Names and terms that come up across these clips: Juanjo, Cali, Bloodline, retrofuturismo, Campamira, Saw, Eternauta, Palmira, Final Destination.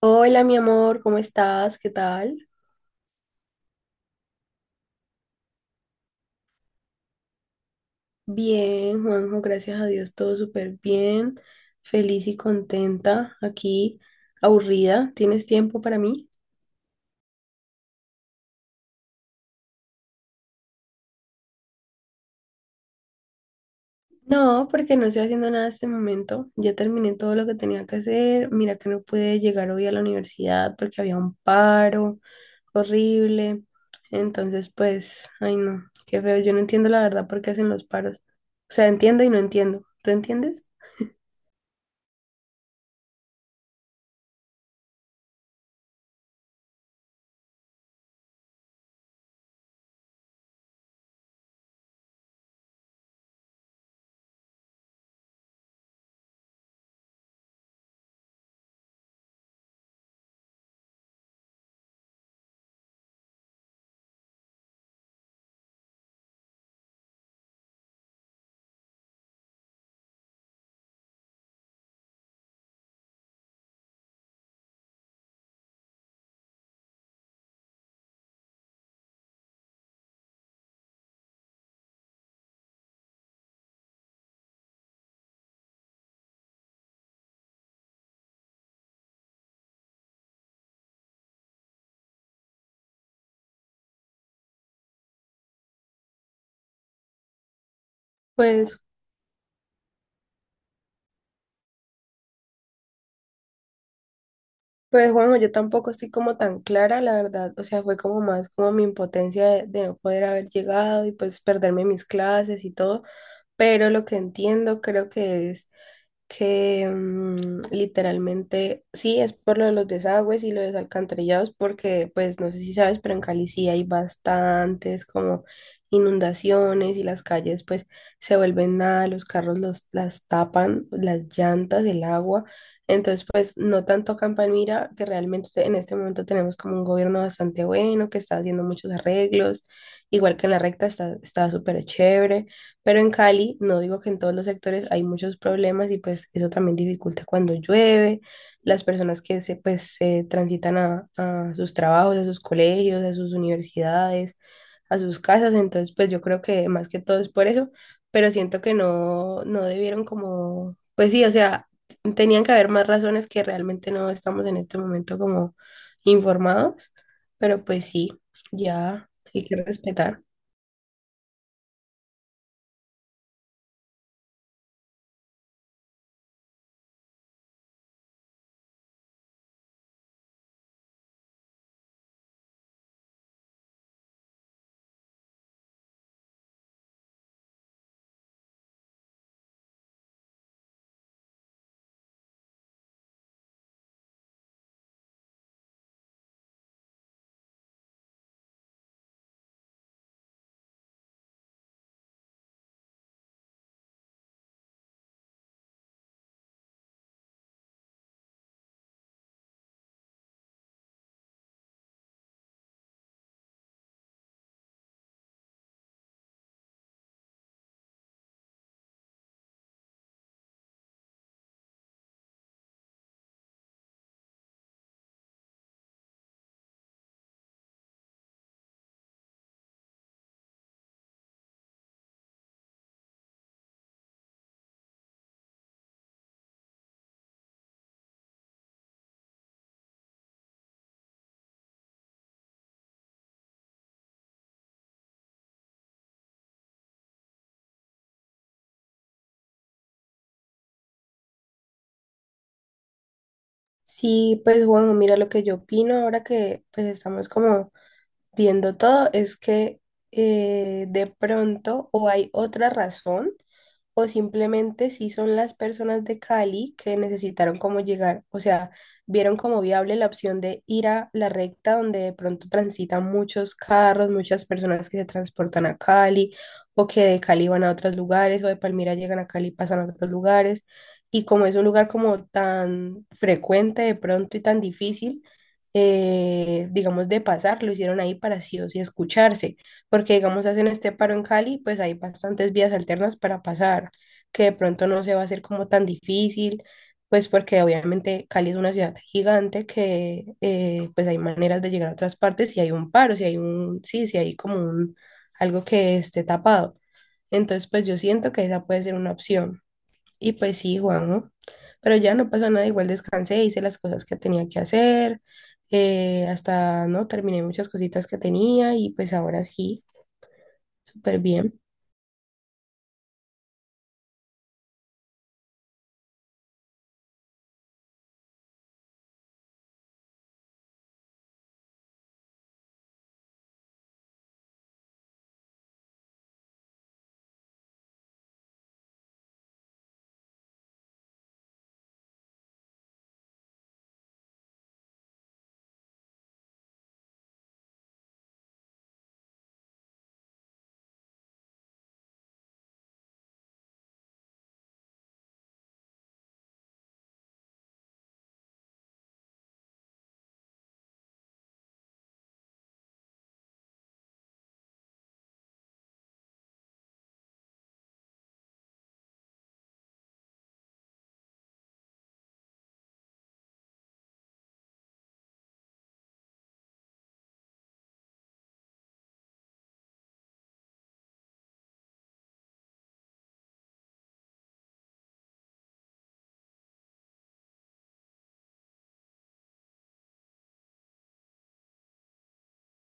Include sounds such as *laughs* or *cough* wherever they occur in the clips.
Hola, mi amor, ¿cómo estás? ¿Qué tal? Bien, Juanjo, gracias a Dios, todo súper bien, feliz y contenta, aquí, aburrida. ¿Tienes tiempo para mí? No, porque no estoy haciendo nada en este momento. Ya terminé todo lo que tenía que hacer. Mira que no pude llegar hoy a la universidad porque había un paro horrible. Entonces, pues, ay no, qué feo. Yo no entiendo la verdad por qué hacen los paros. O sea, entiendo y no entiendo. ¿Tú entiendes? Pues Pues Juanjo, yo tampoco estoy como tan clara, la verdad. O sea, fue como más como mi impotencia de no poder haber llegado y pues perderme mis clases y todo. Pero lo que entiendo creo que es que literalmente sí es por lo de los desagües y lo de los alcantarillados, porque pues no sé si sabes, pero en Cali sí hay bastantes como inundaciones y las calles pues se vuelven nada, los carros los, las tapan, las llantas, el agua. Entonces, pues no tanto Campamira, que realmente en este momento tenemos como un gobierno bastante bueno, que está haciendo muchos arreglos, igual que en la recta está súper chévere. Pero en Cali, no digo que en todos los sectores hay muchos problemas y pues eso también dificulta cuando llueve, las personas que se, pues, se transitan a sus trabajos, a sus colegios, a sus universidades, a sus casas. Entonces, pues yo creo que más que todo es por eso, pero siento que no, no debieron como, pues sí, o sea, tenían que haber más razones que realmente no estamos en este momento como informados, pero pues sí, ya hay que respetar. Sí, pues bueno, mira lo que yo opino ahora que pues estamos como viendo todo es que de pronto o hay otra razón o simplemente si son las personas de Cali que necesitaron cómo llegar, o sea, vieron como viable la opción de ir a la recta donde de pronto transitan muchos carros, muchas personas que se transportan a Cali o que de Cali van a otros lugares o de Palmira llegan a Cali y pasan a otros lugares. Y como es un lugar como tan frecuente de pronto y tan difícil, digamos, de pasar, lo hicieron ahí para sí o sí escucharse, porque, digamos, hacen este paro en Cali, pues hay bastantes vías alternas para pasar, que de pronto no se va a hacer como tan difícil, pues porque obviamente Cali es una ciudad gigante que, pues hay maneras de llegar a otras partes si hay un paro, si hay un, sí, si hay como un, algo que esté tapado. Entonces, pues yo siento que esa puede ser una opción. Y pues sí, Juanjo, pero ya no pasó nada, igual descansé, hice las cosas que tenía que hacer, hasta, ¿no? Terminé muchas cositas que tenía y pues ahora sí, súper bien.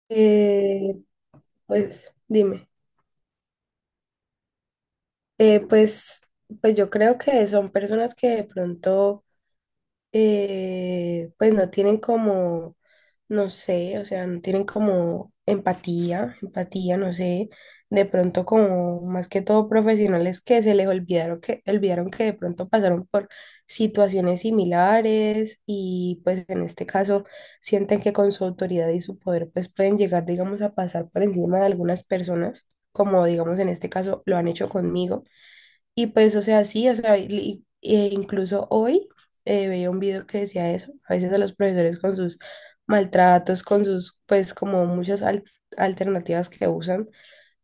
Eh, pues dime, eh, pues, pues yo creo que son personas que de pronto... pues no tienen como, no sé, o sea, no tienen como empatía, no sé, de pronto como más que todo profesionales que se les olvidaron que de pronto pasaron por situaciones similares y pues en este caso sienten que con su autoridad y su poder pues pueden llegar, digamos, a pasar por encima de algunas personas, como digamos en este caso lo han hecho conmigo. Y pues, o sea, sí, o sea, e incluso hoy veía un video que decía eso, a veces a los profesores con sus maltratos, con sus, pues, como muchas alternativas que usan,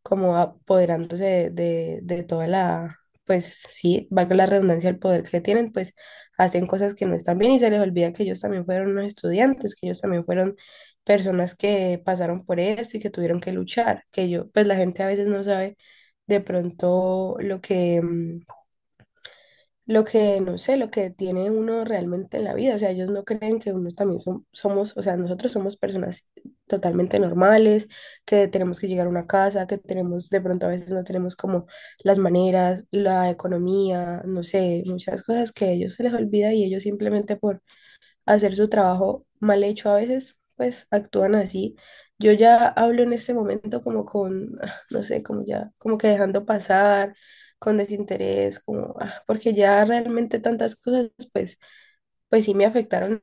como apoderándose de toda la, pues, sí, valga la redundancia, el poder que tienen, pues, hacen cosas que no están bien y se les olvida que ellos también fueron unos estudiantes, que ellos también fueron personas que pasaron por esto y que tuvieron que luchar, que yo, pues, la gente a veces no sabe de pronto lo que... lo que, no sé, lo que tiene uno realmente en la vida. O sea, ellos no creen que uno también somos, o sea, nosotros somos personas totalmente normales, que tenemos que llegar a una casa, que tenemos, de pronto a veces no tenemos como las maneras, la economía, no sé, muchas cosas que a ellos se les olvida y ellos simplemente por hacer su trabajo mal hecho a veces, pues actúan así. Yo ya hablo en este momento como con, ah, no sé, como ya, como que dejando pasar, con desinterés, como, ah, porque ya realmente tantas cosas, pues, pues sí me afectaron,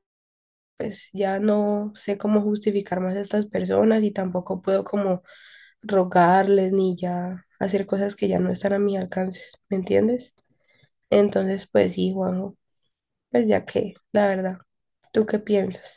pues ya no sé cómo justificar más a estas personas y tampoco puedo como rogarles ni ya hacer cosas que ya no están a mi alcance, ¿me entiendes? Entonces, pues sí, Juanjo, pues ya que, la verdad, ¿tú qué piensas?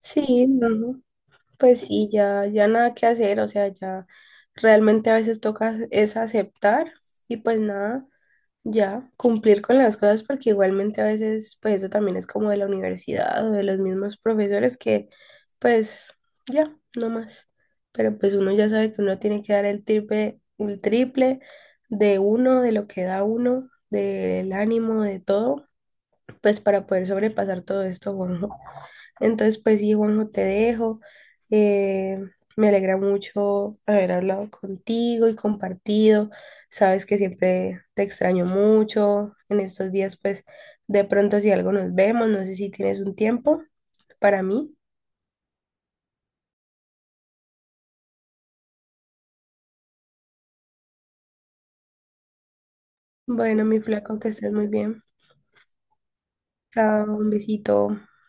Sí, no, pues sí, ya, ya nada que hacer, o sea, ya realmente a veces toca es aceptar y pues nada, ya cumplir con las cosas porque igualmente a veces pues eso también es como de la universidad o de los mismos profesores que pues ya, no más, pero pues uno ya sabe que uno tiene que dar el triple de uno, de lo que da uno, del ánimo, de todo, pues para poder sobrepasar todo esto, *laughs* Juanjo. Entonces, pues sí, Juanjo, te dejo. Eh, me alegra mucho haber hablado contigo y compartido. Sabes que siempre te extraño mucho. En estos días, pues de pronto si algo nos vemos, no sé si tienes un tiempo para mí. Bueno, mi flaco, que estés muy bien. Chao, un besito.